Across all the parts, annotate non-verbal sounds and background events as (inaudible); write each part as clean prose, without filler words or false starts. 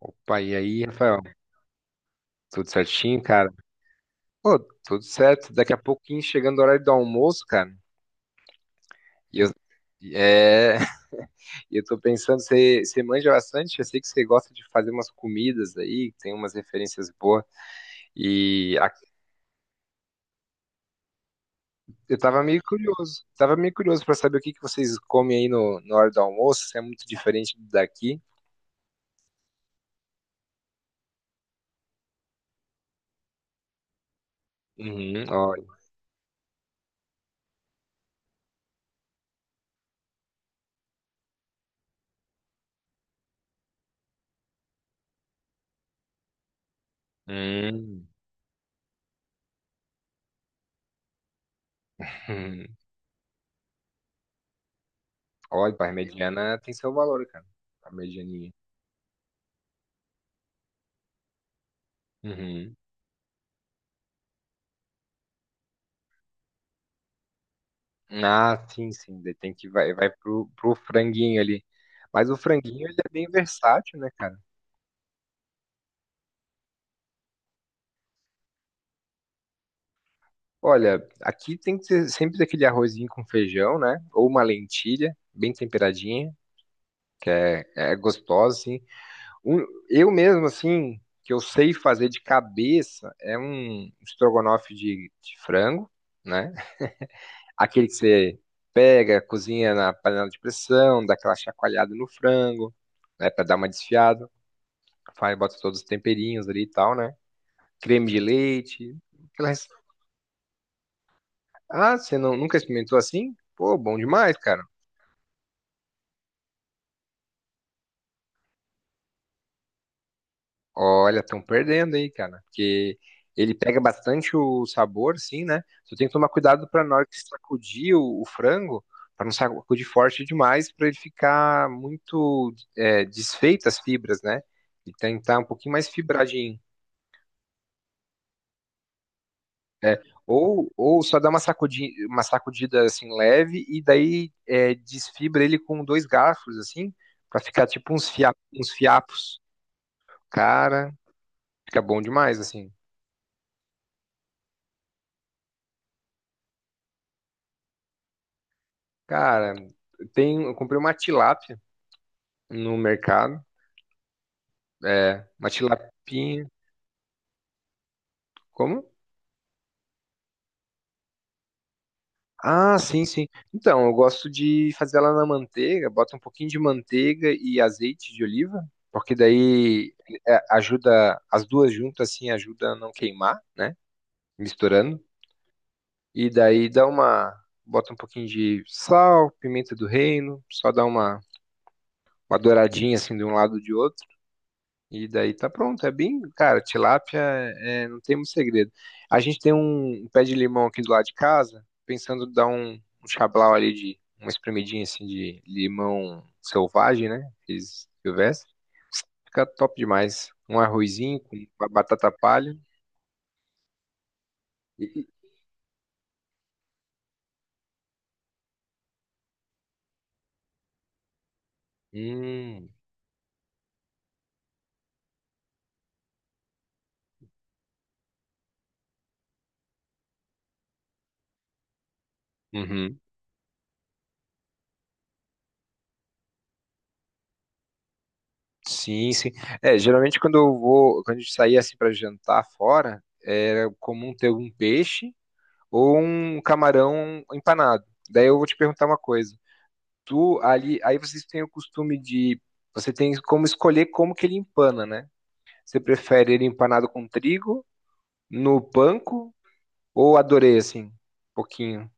Opa, e aí, Rafael? Tudo certinho, cara? Pô, tudo certo. Daqui a pouquinho, chegando o horário do almoço, cara. E eu, é, (laughs) eu tô pensando, você manja bastante? Eu sei que você gosta de fazer umas comidas aí, que tem umas referências boas. E a- eu tava meio curioso pra saber o que que vocês comem aí no, na hora do almoço, se é muito diferente do daqui. Uhum, olha. Hum, hum. Olha, parmegiana tem seu valor, cara. Parmegianinha. Ah, sim. Daí tem que vai pro franguinho ali. Mas o franguinho ele é bem versátil, né, cara? Olha, aqui tem que ter sempre aquele arrozinho com feijão, né? Ou uma lentilha bem temperadinha, é gostosa, assim. Eu mesmo, assim, que eu sei fazer de cabeça, é um estrogonofe de frango, né? Aquele que você pega, cozinha na panela de pressão, dá aquela chacoalhada no frango, né, para dar uma desfiada. Faz, bota todos os temperinhos ali e tal, né? Creme de leite. aquelas- Ah, você nunca experimentou assim? Pô, bom demais, cara. Olha, estão perdendo aí, cara. Porque ele pega bastante o sabor, sim, né? Só tem que tomar cuidado pra na hora que sacudir o frango, pra não sacudir forte demais, pra ele ficar desfeito as fibras, né? E tentar um pouquinho mais fibradinho. Ou só dá uma sacudida assim leve e daí desfibra ele com dois garfos, assim, pra ficar tipo uns fiapos. Cara, fica bom demais, assim. Cara, tem, eu comprei uma tilápia no mercado. É, uma tilapinha. Como? Ah, sim, sim. Então, eu gosto de fazer ela na manteiga, bota um pouquinho de manteiga e azeite de oliva, porque daí ajuda, as duas juntas assim, ajuda a não queimar, né? Misturando. E daí dá uma. Bota um pouquinho de sal, pimenta do reino, só dá uma douradinha assim de um lado e de outro. E daí tá pronto. É bem, cara, tilápia é, não tem muito segredo. A gente tem um pé de limão aqui do lado de casa, pensando em dar um chablau ali de uma espremidinha assim de limão selvagem, né? Fiz silvestre. Fica top demais. Um arrozinho com batata palha. E, hum, uhum. Sim, sim. É, geralmente quando eu vou, quando a gente saía assim para jantar fora, era comum ter um peixe ou um camarão empanado. Daí eu vou te perguntar uma coisa. Tu ali, aí vocês têm o costume de, você tem como escolher como que ele empana, né? Você prefere ele empanado com trigo, no panko ou adorei assim, um pouquinho?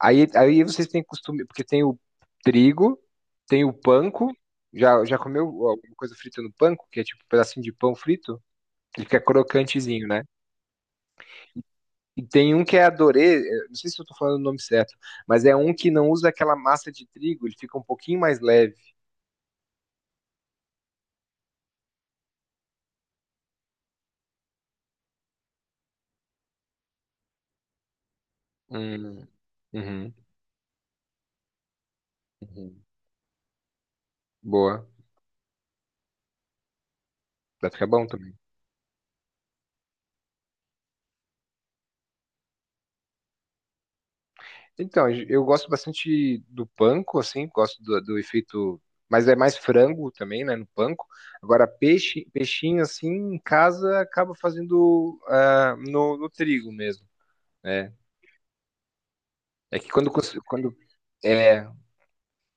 Aí vocês têm costume, porque tem o trigo, tem o panko. Já comeu alguma coisa frita no panko, que é tipo um pedacinho de pão frito? Ele fica crocantezinho, né? E tem um que é adorê, eu não sei se eu tô falando o nome certo, mas é um que não usa aquela massa de trigo, ele fica um pouquinho mais leve. Hum, uhum, uhum. Boa. Vai ficar bom também. Então, eu gosto bastante do panko, assim, gosto do efeito, mas é mais frango também, né, no panko. Agora, peixe, peixinho, assim, em casa, acaba fazendo ah, no trigo mesmo, né? É que quando, é,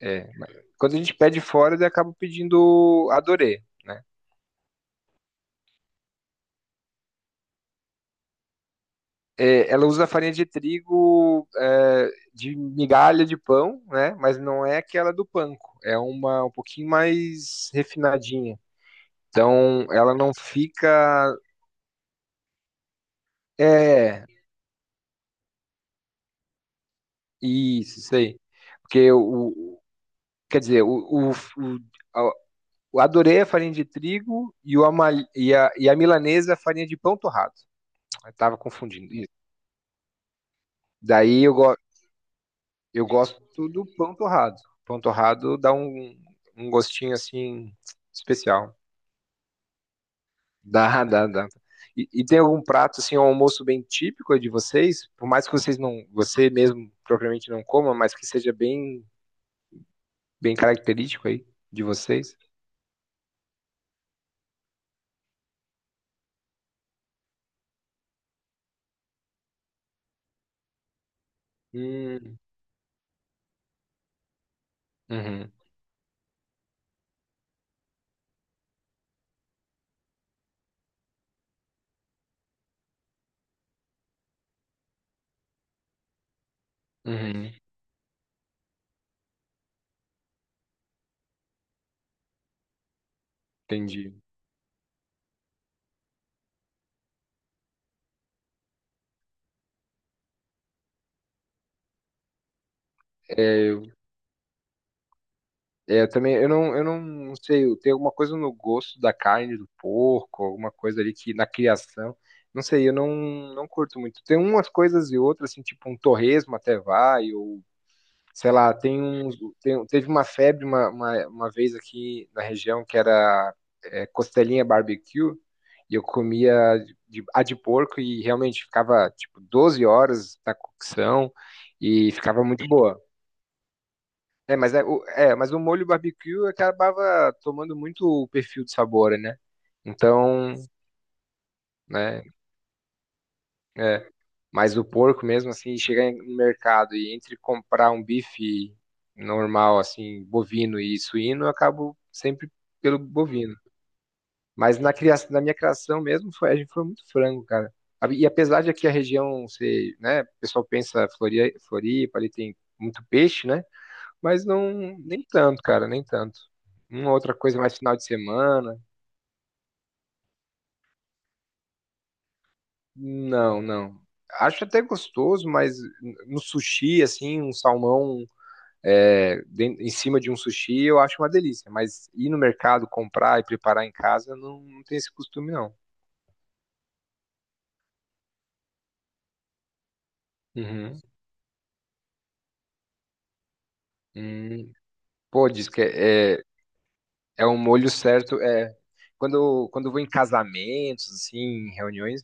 é, quando a gente pede fora, eu acabo pedindo adorê, né? É, ela usa farinha de trigo, é, de migalha de pão, né? Mas não é aquela do panko, é uma um pouquinho mais refinadinha. Então, ela não fica. É, isso aí. Porque o. Quer dizer, a- eu adorei a farinha de trigo e, o ama- e a milanesa a farinha de pão torrado. Eu tava confundindo. Isso. Daí eu, go, eu gosto do pão torrado. Pão torrado dá um gostinho assim especial. Dá. E tem algum prato assim, um almoço bem típico de vocês? Por mais que você mesmo propriamente não coma, mas que seja bem bem característico aí de vocês? Hum, uhum, uhum, entendi. É, eu, eu também, eu não sei, tem alguma coisa no gosto da carne do porco, alguma coisa ali que na criação, não sei, eu não, não curto muito. Tem umas coisas e outras, assim, tipo um torresmo até vai, ou sei lá, teve uma febre uma vez aqui na região que era costelinha barbecue, e eu comia a de porco e realmente ficava tipo 12 horas na cocção e ficava muito boa. Mas o molho barbecue acabava tomando muito o perfil de sabor, né? Então, né? É. Mas o porco mesmo, assim, chegar no mercado e entre comprar um bife normal, assim, bovino e suíno, eu acabo sempre pelo bovino. Mas na criação, na minha criação mesmo, a gente foi muito frango, cara. E apesar de aqui a região ser, né, o pessoal pensa Floripa, ali tem muito peixe, né? Mas não, nem tanto, cara, nem tanto. Uma outra coisa mais final de semana. Não, não. Acho até gostoso, mas no sushi, assim, um salmão em cima de um sushi, eu acho uma delícia. Mas ir no mercado, comprar e preparar em casa, não, não tem esse costume, não. Uhum. Hum. Pô, diz que é é um molho certo. É, quando eu vou em casamentos, assim, em reuniões,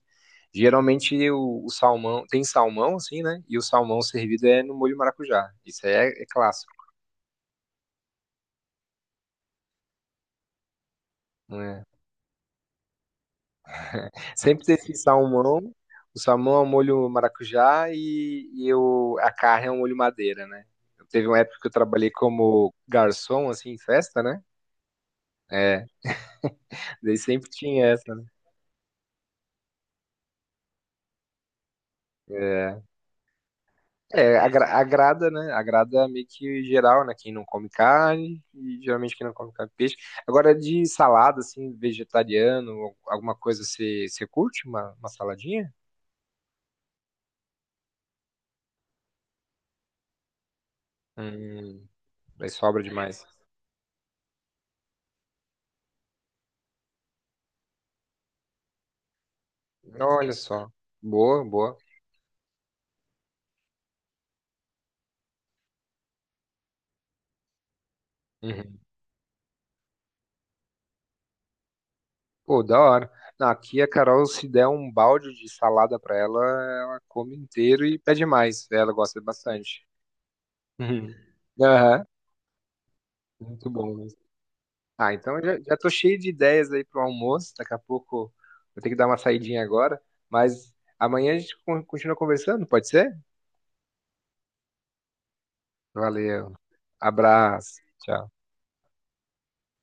geralmente o salmão, tem salmão, assim, né? E o salmão servido é no molho maracujá. Isso aí é clássico. Sempre tem esse salmão. O salmão é um molho maracujá e eu, a carne é um molho madeira, né? Teve uma época que eu trabalhei como garçom, assim, em festa, né? É, daí sempre tinha essa, né? É, agrada, né? Agrada meio que geral, né? Quem não come carne, e geralmente quem não come carne, peixe. Agora, de salada, assim, vegetariano, ou alguma coisa, você curte uma saladinha? Hum, daí sobra demais. Olha só. Boa, boa. Uhum. Pô, da hora. Não, aqui a Carol, se der um balde de salada pra ela, ela come inteiro e pede mais. Ela gosta bastante. (laughs) Uhum. Aham, muito bom mesmo. Ah, então já, já tô cheio de ideias aí pro almoço. Daqui a pouco vou ter que dar uma saidinha agora. Mas amanhã a gente continua conversando, pode ser? Valeu. Abraço. Tchau.